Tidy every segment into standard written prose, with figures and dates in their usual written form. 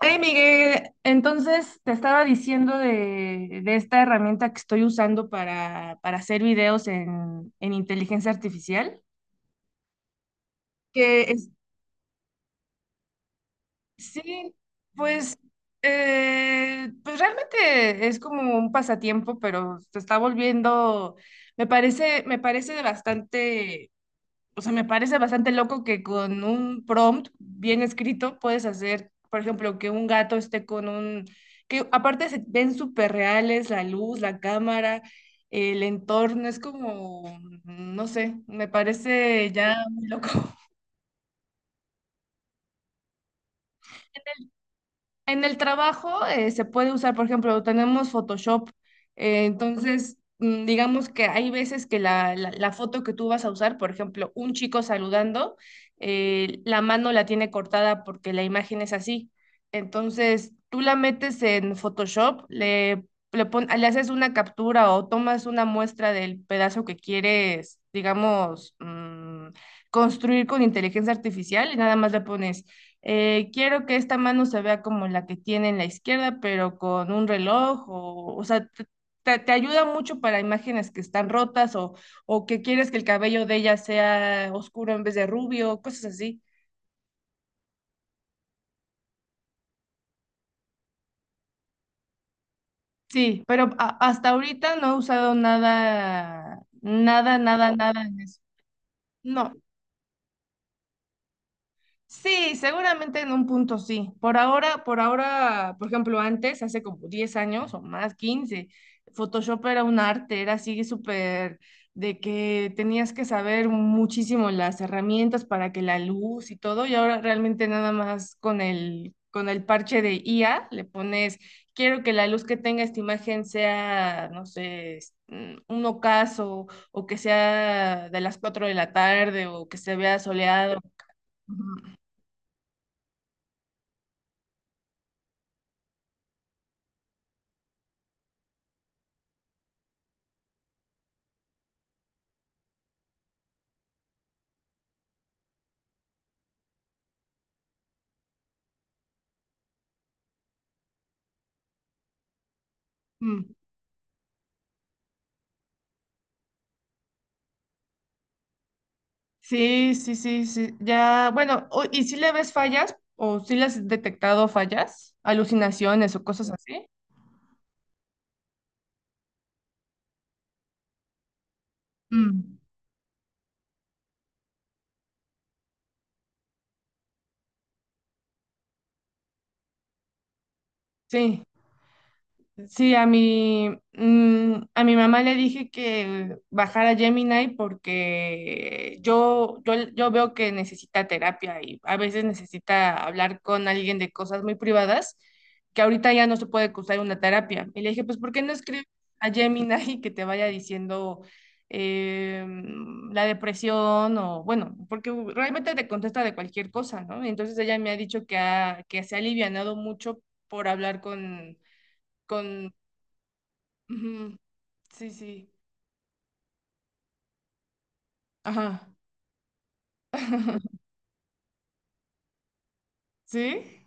Hey Miguel, entonces te estaba diciendo de esta herramienta que estoy usando para hacer videos en inteligencia artificial, que es- sí, pues, pues realmente es como un pasatiempo, pero se está volviendo, me parece bastante. O sea, me parece bastante loco que con un prompt bien escrito puedes hacer, por ejemplo, que un gato esté con un... que aparte se ven súper reales, la luz, la cámara, el entorno, es como, no sé, me parece ya muy loco. En el trabajo se puede usar, por ejemplo, tenemos Photoshop, digamos que hay veces que la foto que tú vas a usar, por ejemplo, un chico saludando, la mano la tiene cortada porque la imagen es así. Entonces tú la metes en Photoshop, le haces una captura o tomas una muestra del pedazo que quieres, digamos, construir con inteligencia artificial y nada más le pones quiero que esta mano se vea como la que tiene en la izquierda, pero con un reloj, o sea, te ayuda mucho para imágenes que están rotas o que quieres que el cabello de ella sea oscuro en vez de rubio, cosas así. Sí, pero hasta ahorita no he usado nada en eso. No. Sí, seguramente en un punto sí. Por ahora, por ejemplo, antes, hace como 10 años o más, 15, Photoshop era un arte, era así súper de que tenías que saber muchísimo las herramientas para que la luz y todo, y ahora realmente nada más con el parche de IA le pones, quiero que la luz que tenga esta imagen sea, no sé, un ocaso o que sea de las 4 de la tarde o que se vea soleado. Mm. Sí. Ya, bueno, ¿y si le ves fallas o si le has detectado fallas, alucinaciones o cosas así? Mm. Sí. Sí, a mi mamá le dije que bajara Gemini porque yo veo que necesita terapia y a veces necesita hablar con alguien de cosas muy privadas que ahorita ya no se puede cursar una terapia. Y le dije, pues, ¿por qué no escribes a Gemini que te vaya diciendo eh, la depresión o, bueno, porque realmente te contesta de cualquier cosa, ¿no? Entonces ella me ha dicho que se ha alivianado mucho por hablar con... con. Ujú. Sí, sí. Ajá. ¿Sí?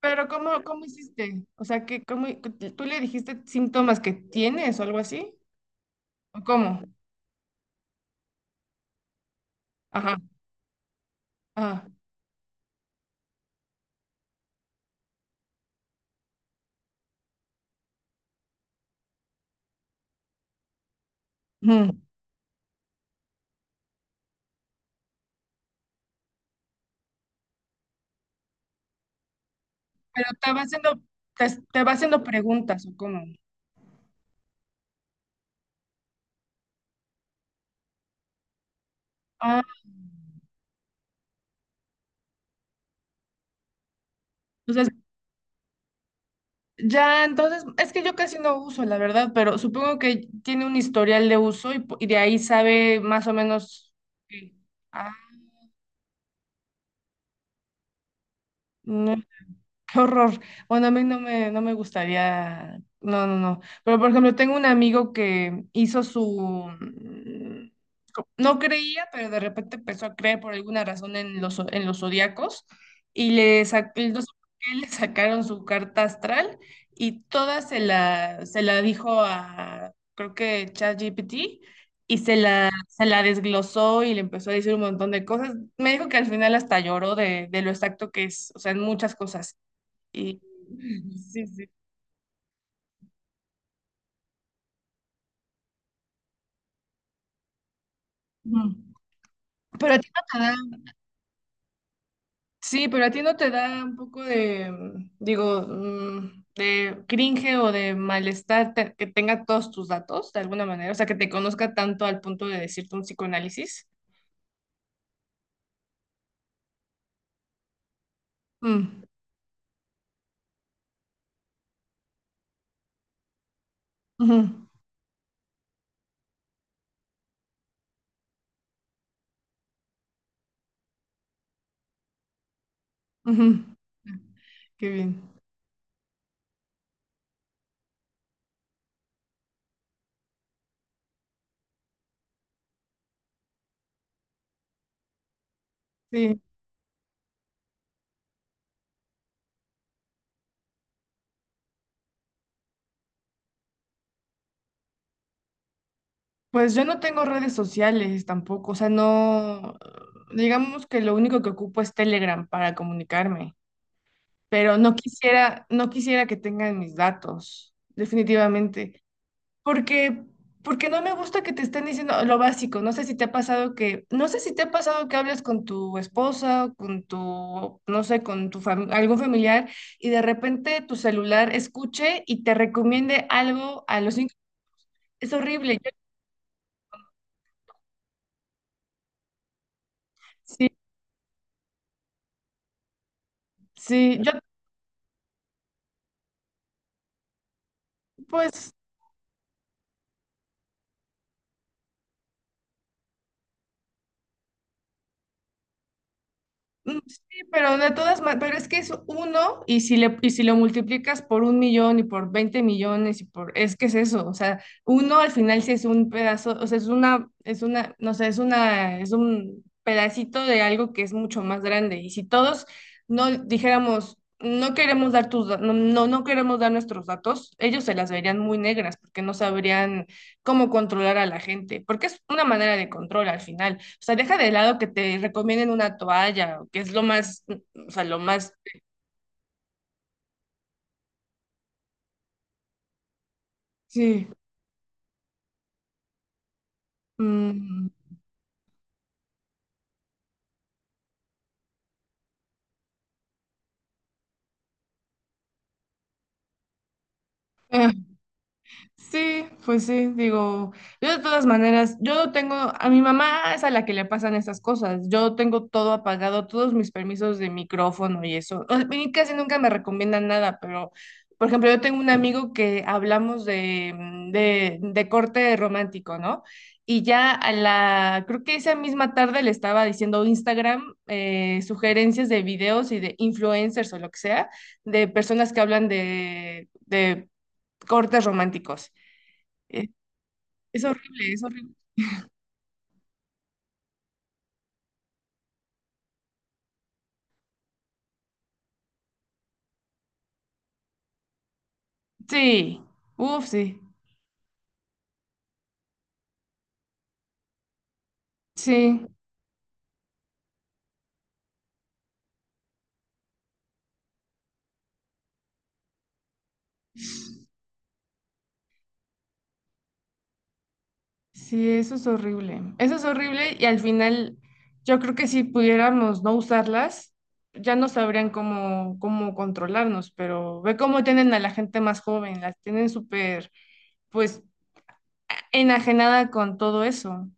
Pero cómo hiciste? O sea, que cómo, ¿tú le dijiste síntomas que tienes o algo así? ¿O cómo? Ajá, ajá. Ujú. Pero te va haciendo, te va haciendo preguntas, ¿o cómo? Ah, entonces, ya, entonces, es que yo casi no uso, la verdad, pero supongo que tiene un historial de uso y de ahí sabe más o menos. Qué. Ah, no. Qué horror. Bueno, a mí no me, no me gustaría. No, no, no. Pero por ejemplo, tengo un amigo que hizo su. No creía, pero de repente empezó a creer por alguna razón en en los zodiacos y él no sé por qué le sacaron su carta astral y toda se la dijo a, creo que ChatGPT y se la desglosó y le empezó a decir un montón de cosas. Me dijo que al final hasta lloró de lo exacto que es, o sea, en muchas cosas. Y sí, sí. Ujú. Pero a ti no te da, sí, pero a ti no te da un poco de, digo, de cringe o de malestar que tenga todos tus datos de alguna manera, o sea, que te conozca tanto al punto de decirte un psicoanálisis. Mm, ujú, ujú. Qué bien. Sí, pues yo no tengo redes sociales tampoco, o sea, no, digamos que lo único que ocupo es Telegram para comunicarme. Pero no quisiera, no quisiera que tengan mis datos, definitivamente, porque, porque no me gusta que te estén diciendo lo básico. No sé si te ha pasado que, no sé si te ha pasado que hablas con tu esposa, o con tu, no sé, con tu algún familiar y de repente tu celular escuche y te recomiende algo a los cinco. Es horrible. Sí, sí, yo pues. Mm. Sí, pero de todas maneras, pero es que es uno y si le, y si lo multiplicas por un millón y por 20 millones y por, es que es eso, o sea, uno al final sí es un pedazo, o sea, no sé, es una, es un pedacito de algo que es mucho más grande y si todos no dijéramos, no queremos dar no, no, no queremos dar nuestros datos, ellos se las verían muy negras porque no sabrían cómo controlar a la gente, porque es una manera de control al final. O sea, deja de lado que te recomienden una toalla, que es lo más, o sea, lo más, sí. mm, ah, Sí, pues sí, digo, yo de todas maneras, yo tengo, a mi mamá es a la que le pasan estas cosas, yo tengo todo apagado, todos mis permisos de micrófono y eso, o sea, y casi nunca me recomiendan nada, pero, por ejemplo, yo tengo un amigo que hablamos de, de corte romántico, ¿no? Y ya a la, creo que esa misma tarde le estaba diciendo Instagram, sugerencias de videos y de influencers o lo que sea, de personas que hablan de cortes románticos. Es, es horrible, es horrible. Sí, uff, sí, sí, sí, eso es horrible. Eso es horrible y al final yo creo que si pudiéramos no usarlas, ya no sabrían cómo controlarnos, pero ve cómo tienen a la gente más joven, las tienen súper, pues, enajenada con todo eso.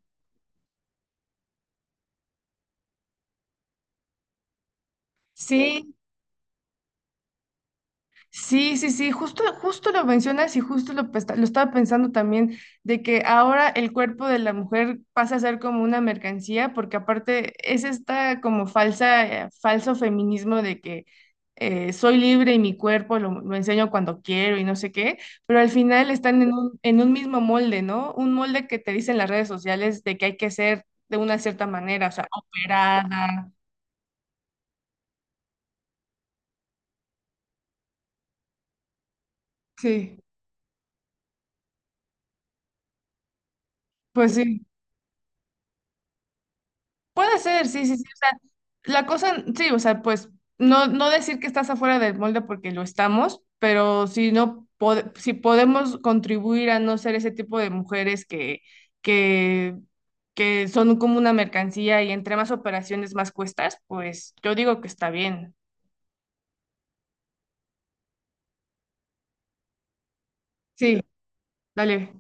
Sí. Justo lo mencionas y justo lo estaba pensando también, de que ahora el cuerpo de la mujer pasa a ser como una mercancía, porque aparte es esta como falsa, falso feminismo de que soy libre y mi cuerpo lo enseño cuando quiero y no sé qué, pero al final están en un mismo molde, ¿no? Un molde que te dicen las redes sociales de que hay que ser de una cierta manera, o sea, operada. Sí, pues sí. Puede ser, sí. O sea, la cosa, sí, o sea, pues no, no decir que estás afuera del molde porque lo estamos, pero si no, si podemos contribuir a no ser ese tipo de mujeres que, que son como una mercancía y entre más operaciones más cuestas, pues yo digo que está bien. Sí, dale.